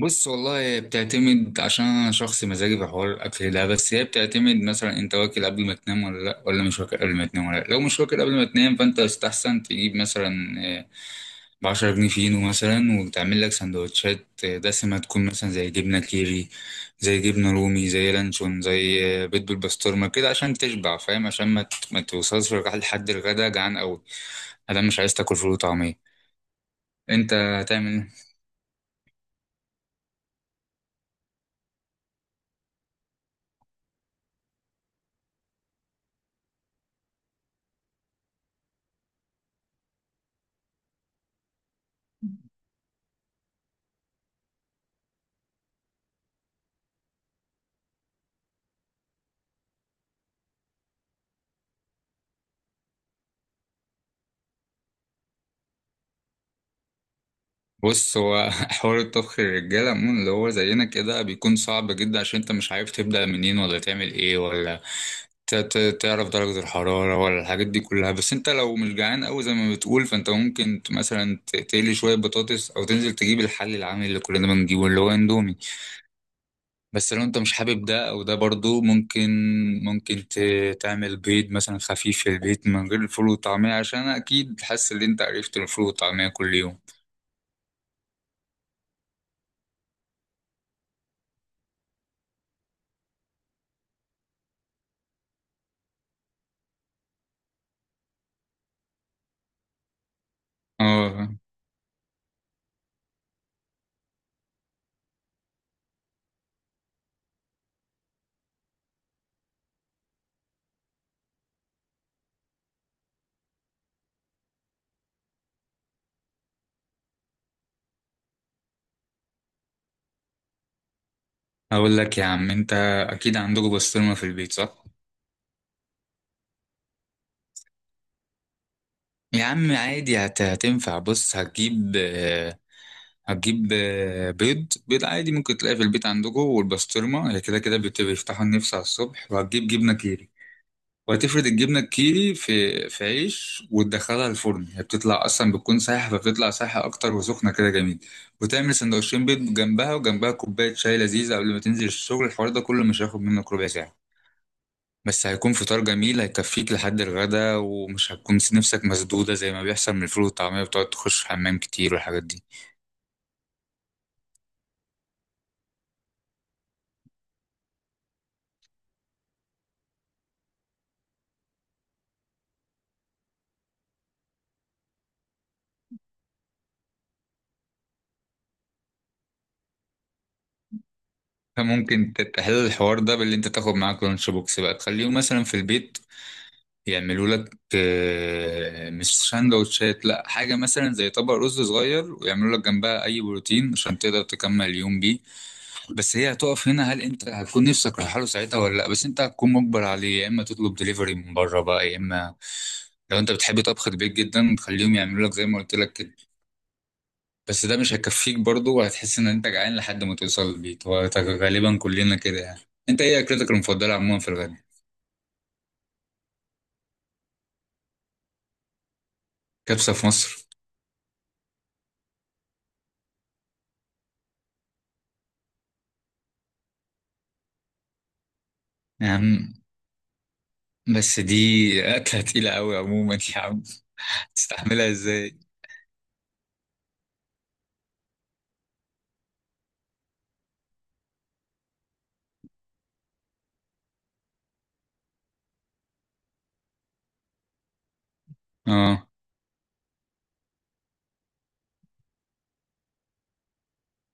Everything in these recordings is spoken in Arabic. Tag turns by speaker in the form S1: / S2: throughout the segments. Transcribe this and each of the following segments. S1: بص، والله بتعتمد عشان انا شخص مزاجي في حوار الاكل ده. بس هي بتعتمد مثلا انت واكل قبل ما تنام ولا لا، ولا مش واكل قبل ما تنام ولا لا. لو مش واكل قبل ما تنام فانت يستحسن تجيب مثلا ب 10 جنيه فينو مثلا وتعمل لك سندوتشات دسمه، تكون مثلا زي جبنه كيري، زي جبنه رومي، زي لانشون، زي بيض بالبسطرمه كده عشان تشبع. فاهم؟ عشان ما توصلش لحد الغدا جعان قوي. انا مش عايز تاكل فول وطعميه. انت هتعمل إيه؟ بص، هو حوار الطبخ للرجالة عموما اللي هو زينا كده بيكون صعب جدا عشان انت مش عارف تبدأ منين ولا تعمل ايه، ولا تعرف درجة الحرارة ولا الحاجات دي كلها. بس انت لو مش جعان قوي زي ما بتقول فانت ممكن تقلي شوية بطاطس، او تنزل تجيب الحل العامل اللي كلنا بنجيبه اللي هو اندومي. بس لو انت مش حابب ده او ده برضو ممكن، ممكن تعمل بيض مثلا خفيف في البيت من غير الفول والطعمية، عشان اكيد حاسس ان انت عرفت الفول والطعمية كل يوم. اه، اقول لك يا عم، انت اكيد عندكم بسطرمه في البيت، صح؟ يا عم عادي، هتنفع. بص، هتجيب هتجيب بيض. بيض عادي ممكن تلاقيه في البيت عندكم، والبسطرمه هي كده كده بيفتحوا النفس على الصبح. وهتجيب جبنه كيري وهتفرد الجبنه الكيري في عيش وتدخلها الفرن. هي بتطلع اصلا بتكون سايحه فبتطلع سايحه اكتر وسخنه كده جميل. وتعمل سندوتشين بيض جنبها، وجنبها كوبايه شاي لذيذه قبل ما تنزل الشغل. الحوار ده كله مش هياخد منك ربع ساعه، بس هيكون فطار جميل هيكفيك لحد الغدا، ومش هتكون نفسك مسدودة زي ما بيحصل من الفول والطعمية، بتقعد تخش حمام كتير والحاجات دي. فممكن تحل الحوار ده باللي انت تاخد معاك لانش بوكس بقى، تخليهم مثلا في البيت يعملوا لك مش سندوتشات، لا، حاجة مثلا زي طبق رز صغير، ويعملوا لك جنبها أي بروتين عشان تقدر تكمل اليوم بيه. بس هي هتقف هنا، هل انت هتكون نفسك رايحه له ساعتها ولا لا؟ بس انت هتكون مجبر عليه، يا اما تطلب دليفري من بره بقى، يا اما لو انت بتحب طبخ البيت جدا خليهم يعملوا لك زي ما قلت لك كده. بس ده مش هيكفيك برضه، وهتحس ان انت جعان لحد ما توصل البيت. هو غالبا كلنا كده يعني. انت ايه اكلتك المفضله عموما في الغدا؟ كبسه في مصر؟ يا عم بس دي اكله تقيله قوي عموما يا عم، تستحملها ازاي؟ اه.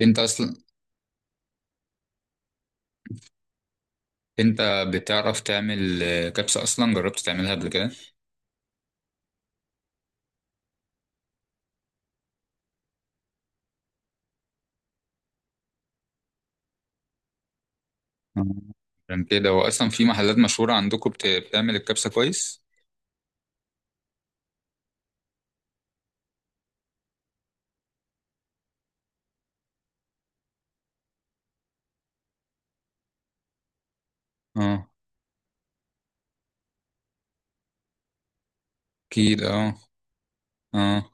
S1: انت اصلا، انت بتعرف تعمل كبسه اصلا؟ جربت تعملها قبل كده؟ عشان كده هو اصلا في محلات مشهورة عندكم بتعمل الكبسة كويس. اه اكيد. اه. اه،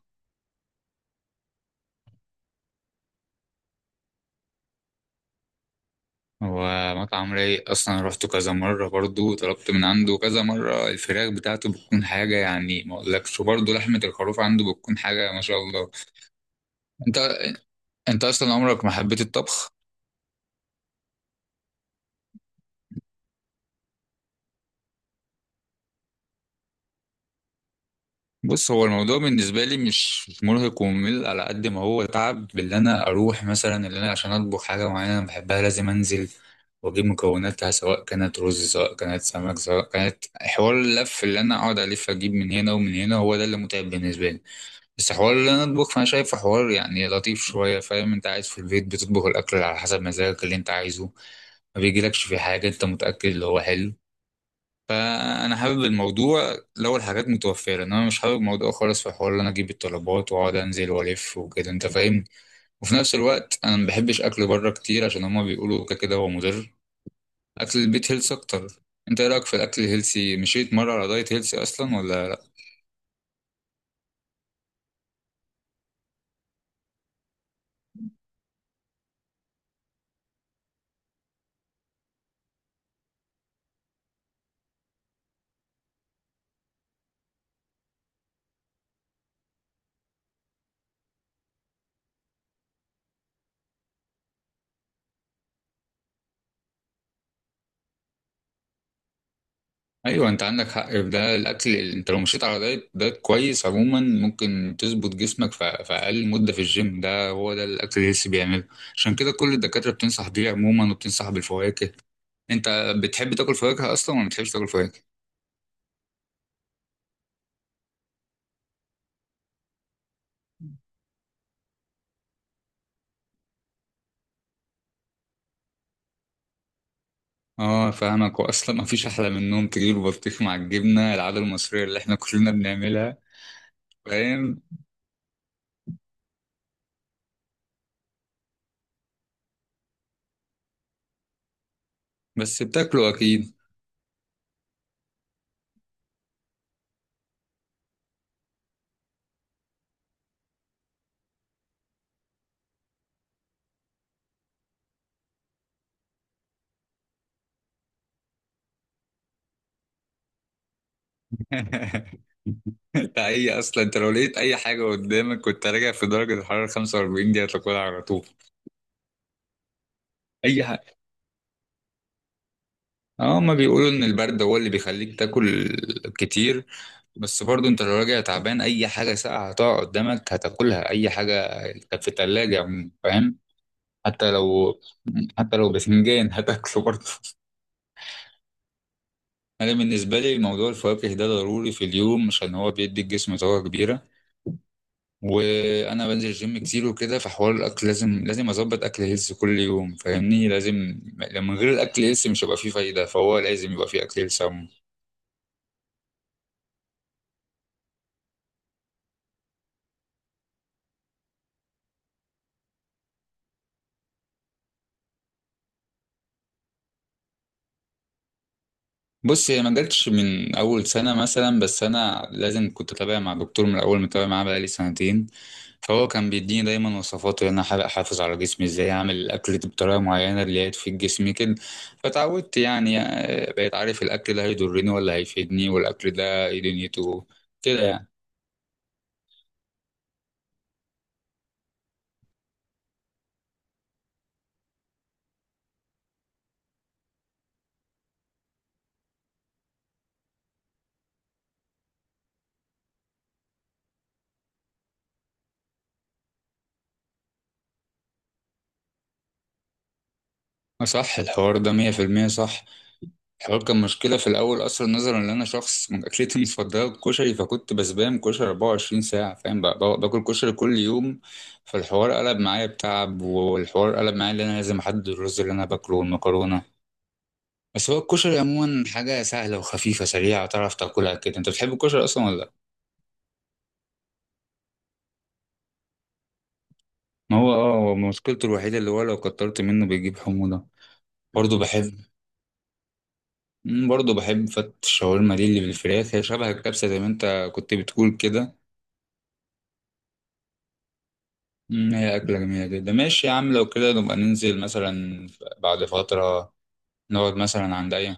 S1: هو مطعم رايق اصلا، رحت كذا مرة برضو وطلبت من عنده كذا مرة. الفراخ بتاعته بتكون حاجة يعني ما اقولكش، وبرضو لحمة الخروف عنده بتكون حاجة ما شاء الله. انت، انت اصلا عمرك ما حبيت الطبخ؟ بص، هو الموضوع بالنسبة لي مش مرهق وممل، على قد ما هو تعب باللي أنا أروح مثلا، اللي أنا عشان أطبخ حاجة معينة أنا بحبها لازم أنزل وأجيب مكوناتها، سواء كانت رز، سواء كانت سمك، سواء كانت حوار اللف، اللي أنا أقعد ألف أجيب من هنا ومن هنا، هو ده اللي متعب بالنسبة لي. بس حوار اللي أنا أطبخ فأنا شايفه حوار يعني لطيف شوية. فاهم؟ أنت قاعد في البيت بتطبخ الأكل على حسب مزاجك اللي أنت عايزه، ما بيجيلكش في حاجة أنت متأكد اللي هو حلو. فانا حابب الموضوع لو الحاجات متوفره، انا مش حابب الموضوع خالص في حوار ان انا اجيب الطلبات واقعد انزل والف وكده، انت فاهمني. وفي نفس الوقت انا ما بحبش اكل بره كتير عشان هما بيقولوا كده كده هو مضر. اكل البيت هيلث اكتر. انت ايه رايك في الاكل الهيلثي؟ مشيت مره على دايت هيلثي اصلا ولا لا؟ ايوه، انت عندك حق في ده. الاكل، انت لو مشيت على دايت دايت كويس عموما ممكن تظبط جسمك في اقل مده في الجيم، ده هو ده الاكل الهيلثي بيعمله. عشان كده كل الدكاتره بتنصح بيه عموما، وبتنصح بالفواكه. انت بتحب تاكل فواكه اصلا ولا ما بتحبش تاكل فواكه؟ اه فاهمك. واصلا ما فيش احلى من انهم تجيب البطيخ مع الجبنه العاده المصريه اللي احنا كلنا بنعملها. فاهم. بس بتاكله اكيد. انت اي اصلا، انت لو لقيت اي حاجه قدامك كنت راجع في درجه الحراره 45 دي هتاكلها على طول، اي حاجه. اه، ما بيقولوا ان البرد هو اللي بيخليك تاكل كتير. بس برضو انت لو راجع تعبان اي حاجه ساقعه هتقع قدامك هتاكلها، اي حاجه كانت في الثلاجه. فاهم. حتى لو، حتى لو بفنجان هتاكله برضه. انا بالنسبه لي موضوع الفواكه ده ضروري في اليوم عشان هو بيدي الجسم طاقه كبيره. وانا بنزل جيم كتير وكده، فحوار الاكل لازم لازم اظبط اكل هيلث كل يوم. فاهمني؟ لازم. من غير الاكل هيلث مش هيبقى فيه فايده، فهو لازم يبقى فيه اكل هيلث عموما. بص، هي ما جاتش من اول سنه مثلا، بس انا لازم كنت اتابع مع دكتور من الاول، متابع معاه بقالي سنتين. هو كان بيديني دايما وصفاته ان انا أحاول احافظ على جسمي، ازاي اعمل الاكل بطريقه معينه اللي هي تفيد جسمي كده. فتعودت يعني، بقيت عارف الاكل ده هيضرني ولا هيفيدني، والاكل ده ايه دنيته كده يعني. صح، الحوار ده 100% صح. الحوار كان مشكله في الاول اصلا، نظرا ان انا شخص من اكلتي المفضله الكشري، فكنت بسبام كشري 24 ساعه. فاهم؟ باكل كشري كل يوم. فالحوار قلب معايا بتعب، والحوار قلب معايا ان انا لازم احدد الرز اللي انا باكله والمكرونه. بس هو الكشري عموما حاجة سهلة وخفيفة سريعة تعرف تاكلها كده. انت بتحب الكشري اصلا ولا لا؟ ما هو اه، هو مشكلته الوحيدة اللي هو لو كترت منه بيجيب حموضة. برضه بحب. مم، برضه بحب فتة الشاورما دي اللي بالفراخ، هي شبه الكبسة زي ما انت كنت بتقول كده. مم، هي أكلة جميلة جدا. ماشي يا عم، لو كده نبقى ننزل مثلا بعد فترة، نقعد مثلا عند أي.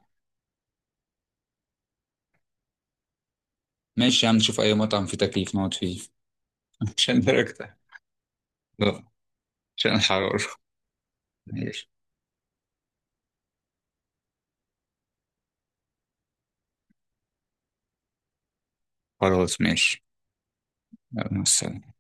S1: ماشي يا عم، نشوف أي مطعم فيه تكييف نقعد فيه. عشان درجتك. لا، عشان الحرارة. ماشي. خلاص ماشي. يلا، مع السلامة.